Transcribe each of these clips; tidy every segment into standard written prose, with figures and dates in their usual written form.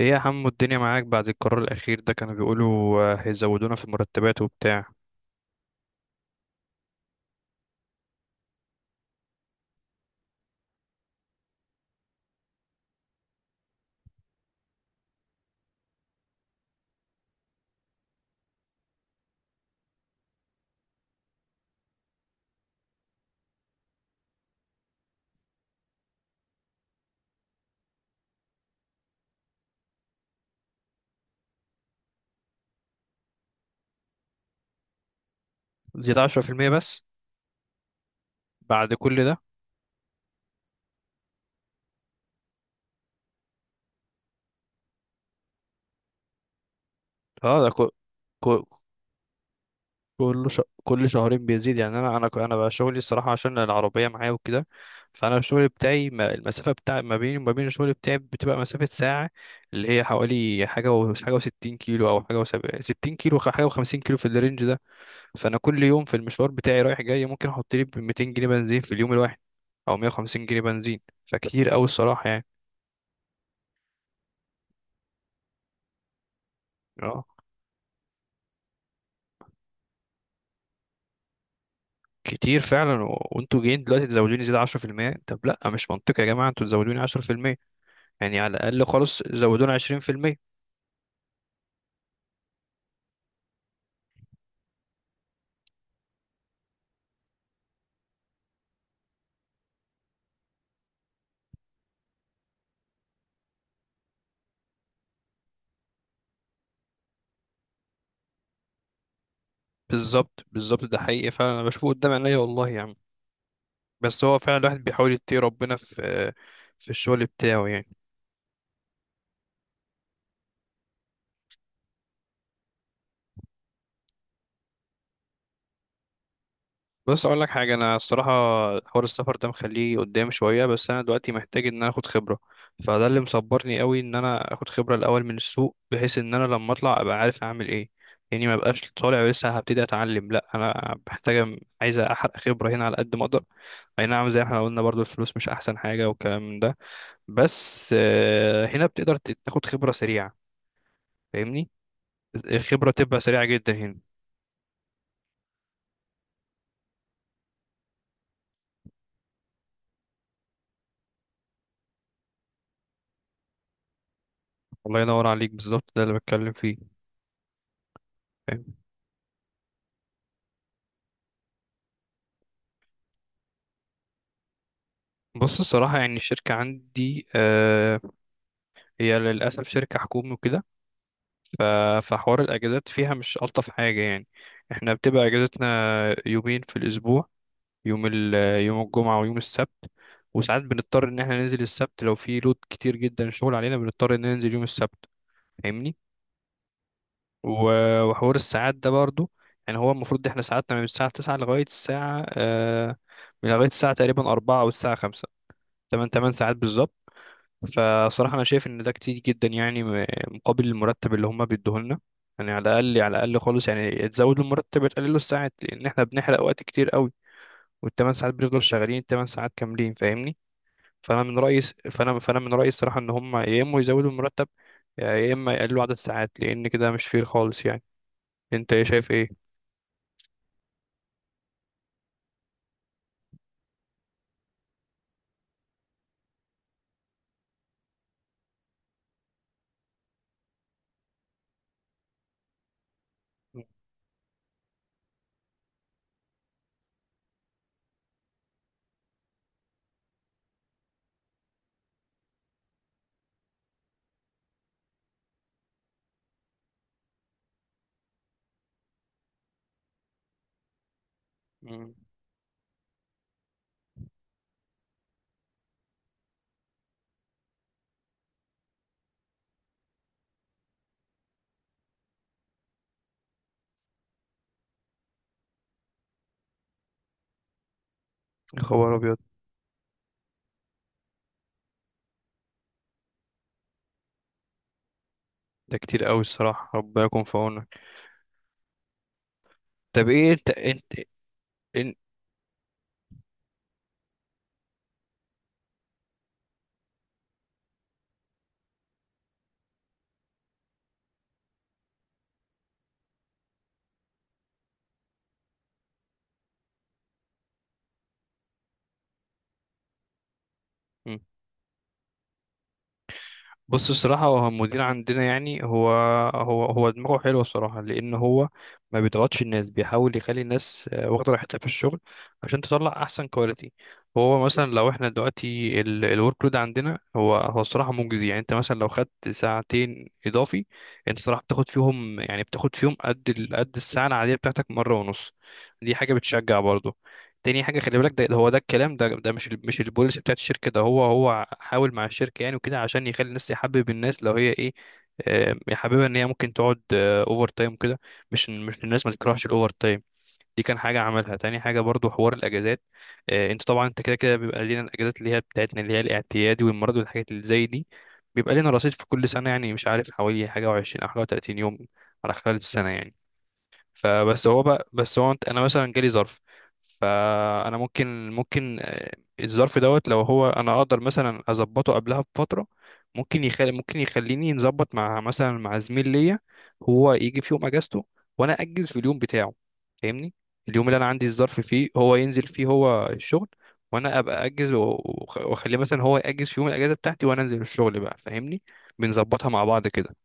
ايه يا حمو، الدنيا معاك بعد القرار الأخير ده؟ كانوا بيقولوا هيزودونا في المرتبات وبتاع زيادة 10% بس بعد كل ده. اه، ده كو كو كل ش... كل شهرين بيزيد يعني انا بقى شغلي الصراحه، عشان العربيه معايا وكده. فانا الشغل بتاعي، المسافه بتاع ما بيني وما بين الشغل بتاعي بتبقى مسافه ساعه. اللي هي حوالي حاجه و60 كيلو، او حاجه و70، 60 كيلو، حاجه و50 كيلو، في الرينج ده. فانا كل يوم في المشوار بتاعي رايح جاي، ممكن احط لي 200 جنيه بنزين في اليوم الواحد او 150 جنيه بنزين. فكتير قوي الصراحه يعني. اه، كتير فعلا، وانتوا جايين دلوقتي تزودوني زياده 10%؟ طب لا، مش منطقي يا جماعه انتوا تزودوني 10%. يعني على الاقل خالص زودونا 20%. بالظبط، بالظبط، ده حقيقي فعلا، انا بشوفه قدام عينيا والله يعني. بس هو فعلا الواحد بيحاول يتقي ربنا في الشغل بتاعه يعني. بص اقول لك حاجه، انا الصراحه حوار السفر ده مخليه قدام شويه، بس انا دلوقتي محتاج ان انا اخد خبره. فده اللي مصبرني قوي ان انا اخد خبره الاول من السوق، بحيث ان انا لما اطلع ابقى عارف اعمل ايه. يعني ما بقاش طالع لسه هبتدي اتعلم. لا، انا محتاجه، عايز احرق خبره هنا على قد ما اقدر. اي نعم، زي ما احنا قلنا برضو الفلوس مش احسن حاجه والكلام ده. بس هنا بتقدر تاخد خبره سريعه، فاهمني؟ خبره تبقى سريعه جدا هنا. الله ينور عليك، بالظبط ده اللي بتكلم فيه، فاهم؟ بص الصراحة يعني الشركة عندي، هي للأسف شركة حكومي وكده. ف- فحوار الأجازات فيها مش ألطف حاجة يعني. احنا بتبقى أجازتنا يومين في الأسبوع، يوم ال يوم الجمعة ويوم السبت. وساعات بنضطر إن احنا ننزل السبت لو في لود كتير جدا شغل علينا، بنضطر إن ننزل يوم السبت، فاهمني. وحوار الساعات ده برضو، يعني هو المفروض احنا ساعاتنا من الساعة 9 لغاية الساعة من لغاية الساعة تقريبا 4 أو الساعة 5. تمن ساعات بالظبط. فصراحة أنا شايف إن ده كتير جدا، يعني مقابل المرتب اللي هما بيدوه لنا. يعني على الأقل، على الأقل خالص، يعني تزود له المرتب، تقلله الساعات، لأن إحنا بنحرق وقت كتير قوي، والتمن ساعات بنفضل شغالين التمن ساعات كاملين، فاهمني. فأنا من رأيي فأنا من رأيي الصراحة إن هما يا إما يزودوا المرتب يا إما يقللوا عدد الساعات، لأن كده مش فير خالص يعني. أنت إيه شايف إيه؟ مم. يا خبر أبيض، ده كتير قوي الصراحة، ربنا يكون في عونك. طب إيه أنت؟ إن- بص الصراحة، هو المدير عندنا يعني، هو هو دماغه حلوة الصراحة، لأن هو ما بيضغطش الناس، بيحاول يخلي الناس واخدة راحتها في الشغل عشان تطلع أحسن كواليتي. هو مثلا لو احنا دلوقتي الورك لود عندنا، هو الصراحة مجزي يعني. انت مثلا لو خدت ساعتين إضافي، انت صراحة بتاخد فيهم يعني، بتاخد فيهم قد قد الساعة العادية بتاعتك مرة ونص. دي حاجة بتشجع برضه. تاني حاجة، خلي بالك، ده هو ده الكلام ده مش البوليسي بتاعت الشركة، ده هو حاول مع الشركة يعني وكده، عشان يخلي الناس يحبب الناس لو هي ايه يحببها ان هي ممكن تقعد اوفر تايم كده. مش إن الناس ما تكرهش الاوفر تايم، دي كان حاجة عملها. تاني حاجة، برضو حوار الأجازات. انت طبعا انت كده كده بيبقى لينا الأجازات اللي هي بتاعتنا، اللي هي الاعتيادي والمرض والحاجات اللي زي دي، بيبقى لنا رصيد في كل سنة يعني، مش عارف حوالي حاجة وعشرين أو حاجة وتلاتين يوم على خلال السنة يعني. فبس هو بقى بس هو انا مثلا جالي ظرف. فانا ممكن الظرف دوت لو هو، انا اقدر مثلا اظبطه قبلها بفتره، ممكن يخليني نظبط مع مثلا مع زميل ليا. هو يجي في يوم اجازته وانا اجز في اليوم بتاعه، فاهمني؟ اليوم اللي انا عندي الظرف فيه هو ينزل فيه هو الشغل، وانا ابقى اجز، واخليه مثلا هو ياجز في يوم الاجازه بتاعتي وانا انزل الشغل بقى، فاهمني؟ بنظبطها مع بعض كده.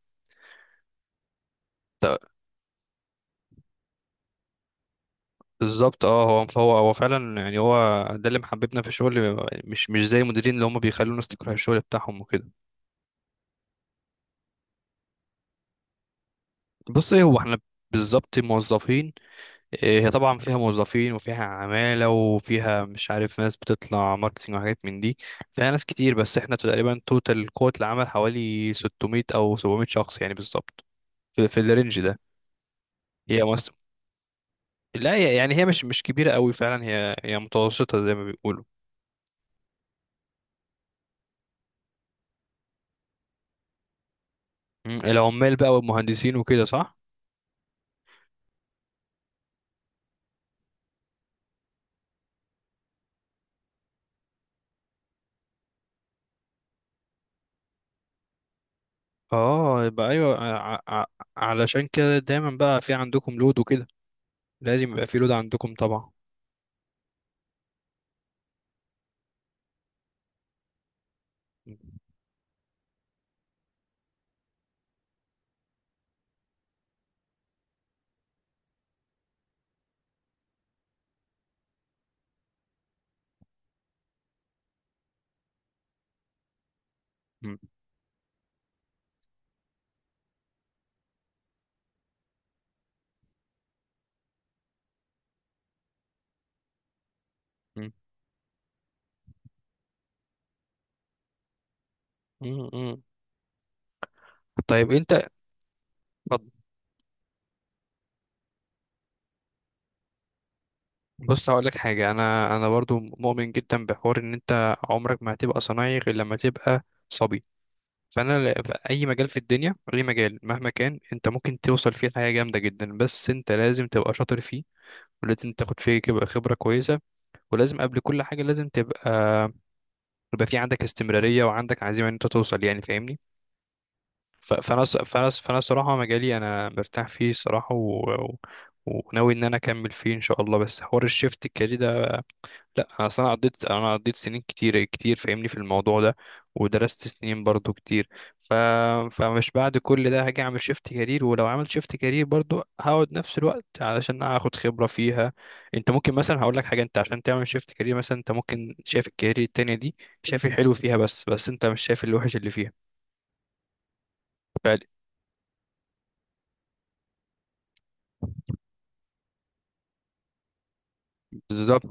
بالظبط. اه، هو هو فعلا يعني، هو ده اللي محببنا في الشغل، مش زي المديرين اللي هم بيخلوا الناس تكره الشغل بتاعهم وكده. بص ايه، هو احنا بالظبط موظفين، إيه، هي طبعا فيها موظفين وفيها عمالة وفيها مش عارف ناس بتطلع ماركتينج وحاجات من دي، فيها ناس كتير. بس احنا تقريبا توتال قوة العمل حوالي 600 او 700 شخص يعني بالظبط، في الرينج ده. هي مصر. لا، يعني هي مش كبيرة قوي فعلا، هي متوسطة زي ما بيقولوا. مم، العمال بقى والمهندسين وكده، صح. اه، يبقى ايوه. ع- ع- علشان كده دايما بقى في عندكم لود وكده، لازم يبقى في لود عندكم طبعا. م- م- م- م. طيب انت، اتفضل. بص هقول لك حاجه، انا برضو مؤمن جدا بحوار ان انت عمرك ما هتبقى صنايعي غير لما تبقى صبي. فانا في اي مجال في الدنيا، اي مجال مهما كان، انت ممكن توصل فيه لحاجه جامده جدا، بس انت لازم تبقى شاطر فيه، ولازم تاخد فيه خبره كويسه، ولازم قبل كل حاجه لازم تبقى، يبقى في عندك استمرارية وعندك عزيمة ان انت توصل يعني، فاهمني؟ فانا الصراحة مجالي انا مرتاح فيه الصراحة، وناوي ان انا اكمل فيه ان شاء الله. بس حوار الشيفت الكارير ده، لا، اصل انا قضيت سنين كتير كتير، فاهمني في الموضوع ده، ودرست سنين برضو كتير. ف... فمش بعد كل ده هاجي اعمل شيفت كارير. ولو عملت شيفت كارير برضو هقعد نفس الوقت علشان اخد خبرة فيها. انت ممكن مثلا هقول لك حاجة، انت عشان تعمل شيفت كارير مثلا، انت ممكن شايف الكارير التانية دي، شايف الحلو فيها، بس انت مش شايف الوحش اللي فيها. ف- بالظبط،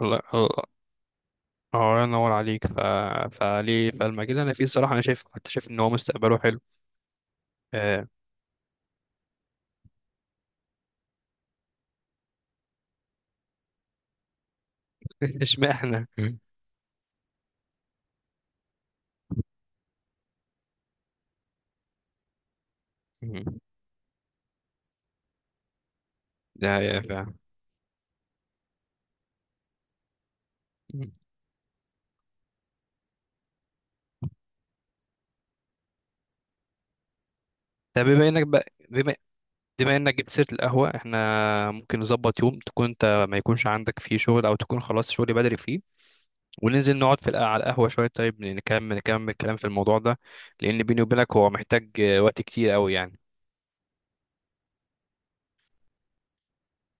الله الله، الله ينور عليك. فليه، فالمجال اللي انا فيه الصراحة انا شايف، حتى شايف ان هو مستقبله حلو، آه، اشمعنى، ده هي فعلا. مم. طب بما انك جبت سيره القهوه، احنا ممكن نظبط يوم تكون انت ما يكونش عندك فيه شغل، او تكون خلاص شغلي بدري فيه، وننزل نقعد في على القهوه شويه. طيب نكمل الكلام في الموضوع ده، لان بيني وبينك هو محتاج وقت كتير قوي يعني.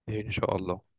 ان شاء الله.